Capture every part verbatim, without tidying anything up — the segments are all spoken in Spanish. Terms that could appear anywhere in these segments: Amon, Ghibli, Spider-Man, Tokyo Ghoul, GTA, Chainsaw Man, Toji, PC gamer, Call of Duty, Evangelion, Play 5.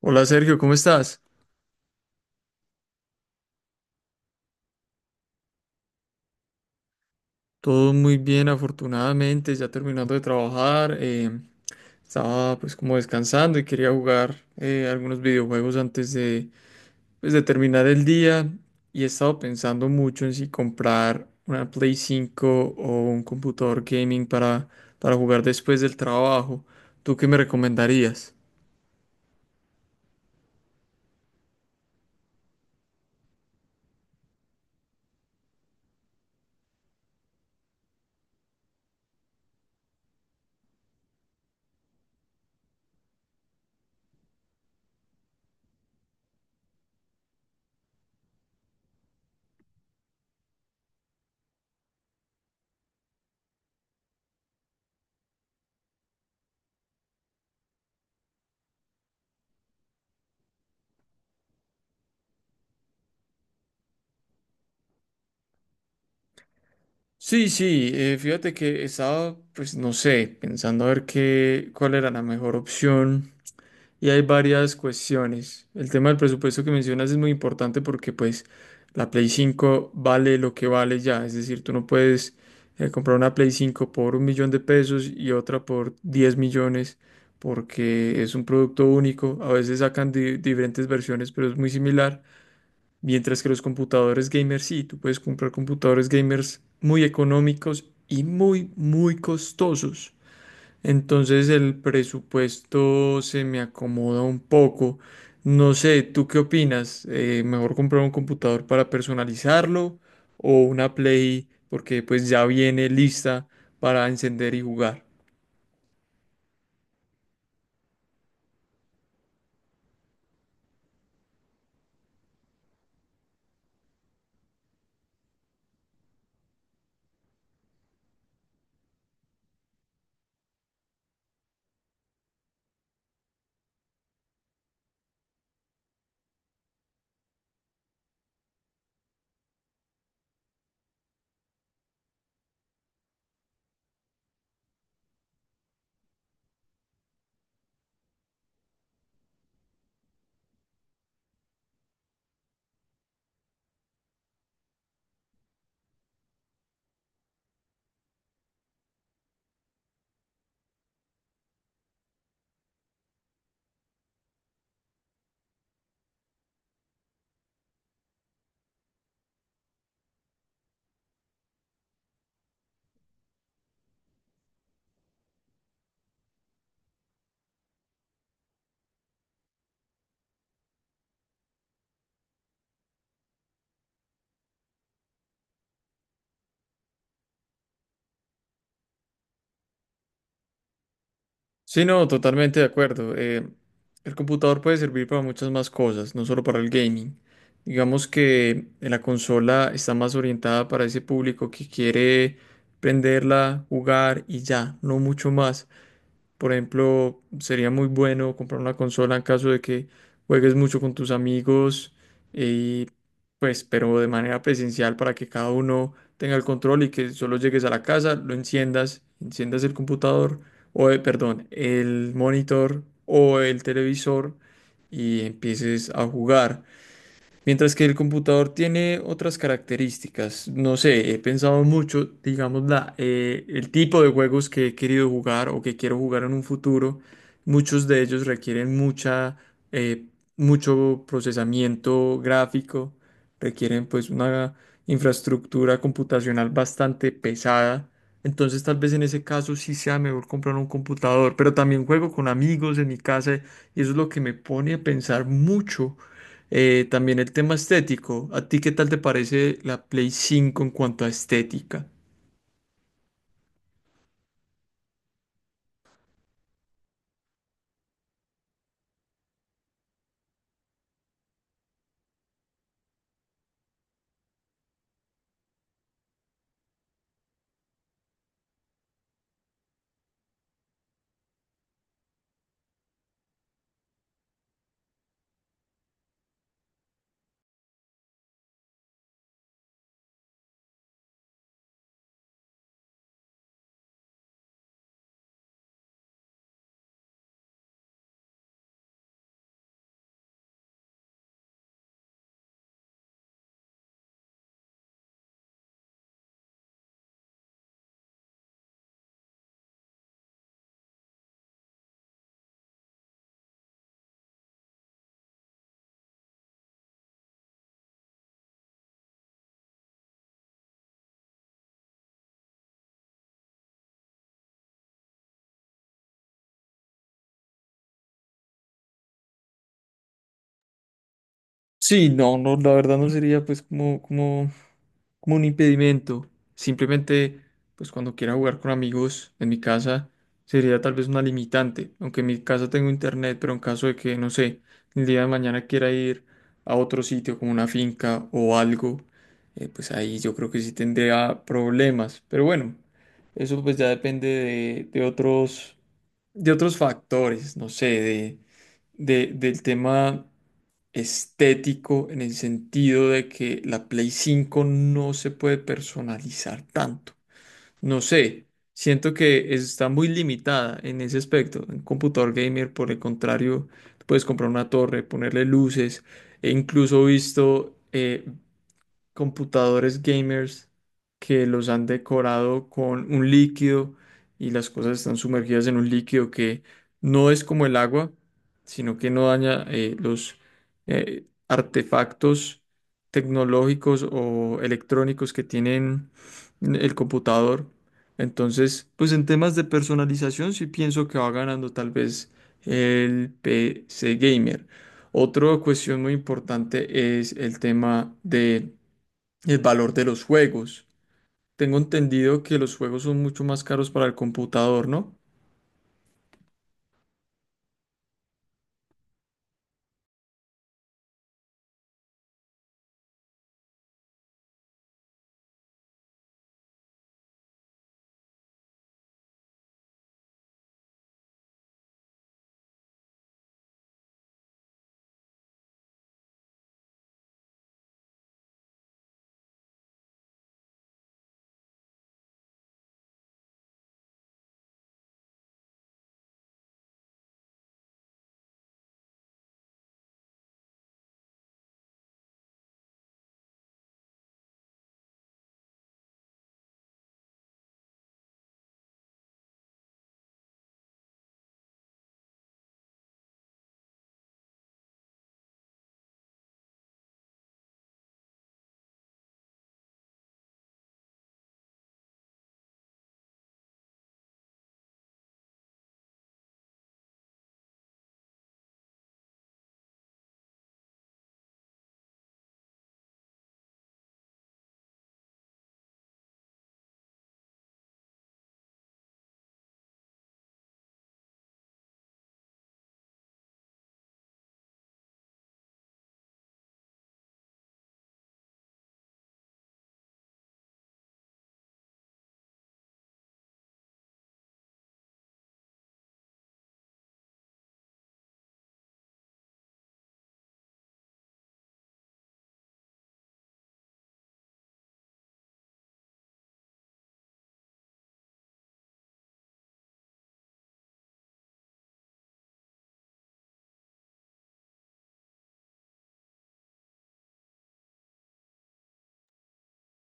Hola Sergio, ¿cómo estás? Todo muy bien, afortunadamente, ya terminando de trabajar. Eh, estaba, pues, como descansando y quería jugar eh, algunos videojuegos antes de, pues, de terminar el día, y he estado pensando mucho en si comprar una Play cinco o un computador gaming para, para jugar después del trabajo. ¿Tú qué me recomendarías? Sí, sí, eh, fíjate que estaba, pues no sé, pensando a ver qué, cuál era la mejor opción. Y hay varias cuestiones. El tema del presupuesto que mencionas es muy importante, porque pues la Play cinco vale lo que vale ya. Es decir, tú no puedes eh, comprar una Play cinco por un millón de pesos y otra por diez millones, porque es un producto único. A veces sacan di- diferentes versiones, pero es muy similar. Mientras que los computadores gamers sí, tú puedes comprar computadores gamers muy económicos y muy, muy costosos. Entonces el presupuesto se me acomoda un poco. No sé, ¿tú qué opinas? Eh, ¿mejor comprar un computador para personalizarlo, o una Play porque pues ya viene lista para encender y jugar? Sí, no, totalmente de acuerdo. Eh, el computador puede servir para muchas más cosas, no solo para el gaming. Digamos que la consola está más orientada para ese público que quiere prenderla, jugar y ya, no mucho más. Por ejemplo, sería muy bueno comprar una consola en caso de que juegues mucho con tus amigos, y pues, pero de manera presencial, para que cada uno tenga el control y que solo llegues a la casa, lo enciendas, enciendas el computador o, eh, perdón, el monitor o el televisor, y empieces a jugar. Mientras que el computador tiene otras características. No sé, he pensado mucho, digamos, la, eh, el tipo de juegos que he querido jugar o que quiero jugar en un futuro. Muchos de ellos requieren mucha, eh, mucho procesamiento gráfico, requieren pues una infraestructura computacional bastante pesada. Entonces tal vez en ese caso sí sea mejor comprar un computador, pero también juego con amigos en mi casa, y eso es lo que me pone a pensar mucho, eh, también el tema estético. ¿A ti qué tal te parece la Play cinco en cuanto a estética? Sí, no, no, la verdad no sería pues como, como, como un impedimento. Simplemente, pues cuando quiera jugar con amigos en mi casa, sería tal vez una limitante. Aunque en mi casa tengo internet, pero en caso de que, no sé, el día de mañana quiera ir a otro sitio como una finca o algo, eh, pues ahí yo creo que sí tendría problemas. Pero bueno, eso pues ya depende de, de otros, de otros factores, no sé, de, de- del tema estético, en el sentido de que la Play cinco no se puede personalizar tanto. No sé, siento que está muy limitada en ese aspecto. En computador gamer, por el contrario, puedes comprar una torre, ponerle luces. He incluso visto eh, computadores gamers que los han decorado con un líquido, y las cosas están sumergidas en un líquido que no es como el agua, sino que no daña eh, los eh, artefactos tecnológicos o electrónicos que tienen el computador. Entonces, pues en temas de personalización sí pienso que va ganando tal vez el P C gamer. Otra cuestión muy importante es el tema de el valor de los juegos. Tengo entendido que los juegos son mucho más caros para el computador, ¿no?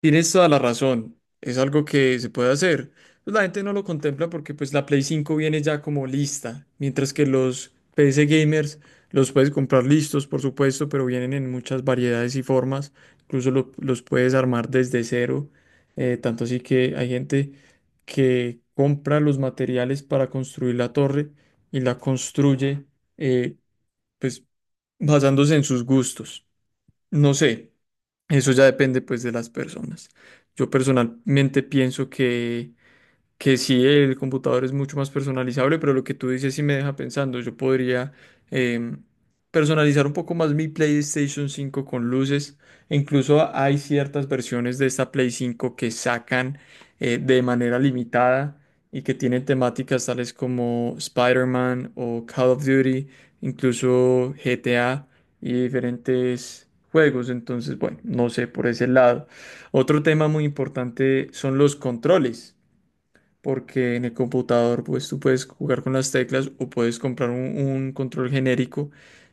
Tienes toda la razón. Es algo que se puede hacer. Pues la gente no lo contempla, porque pues la Play cinco viene ya como lista, mientras que los P C gamers los puedes comprar listos, por supuesto, pero vienen en muchas variedades y formas. Incluso lo- los puedes armar desde cero. Eh, tanto así que hay gente que compra los materiales para construir la torre y la construye, eh, pues basándose en sus gustos. No sé, eso ya depende pues de las personas. Yo personalmente pienso que que sí, el computador es mucho más personalizable, pero lo que tú dices sí me deja pensando. Yo podría, em, personalizar un poco más mi PlayStation cinco con luces. E incluso a- hay ciertas versiones de esta Play cinco que sacan eh, de manera limitada, y que tienen temáticas tales como Spider-Man o Call of Duty, incluso G T A y diferentes juegos. Entonces, bueno, no sé por ese lado. Otro tema muy importante son los controles, porque en el computador pues tú puedes jugar con las teclas o puedes comprar un, un control genérico,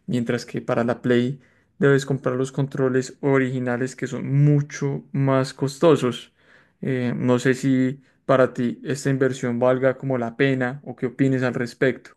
mientras que para la Play debes comprar los controles originales, que son mucho más costosos. Eh, no sé si para ti esta inversión valga como la pena o qué opines al respecto.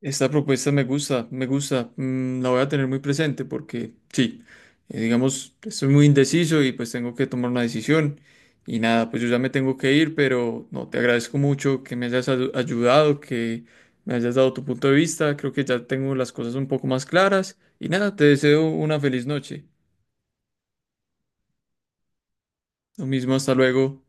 Esta propuesta me gusta, me gusta, mm, la voy a tener muy presente, porque sí, eh, digamos, estoy muy indeciso y pues tengo que tomar una decisión, y nada, pues yo ya me tengo que ir, pero no, te agradezco mucho que me hayas ayu- ayudado, que me hayas dado tu punto de vista. Creo que ya tengo las cosas un poco más claras y nada, te deseo una feliz noche. Lo mismo, hasta luego.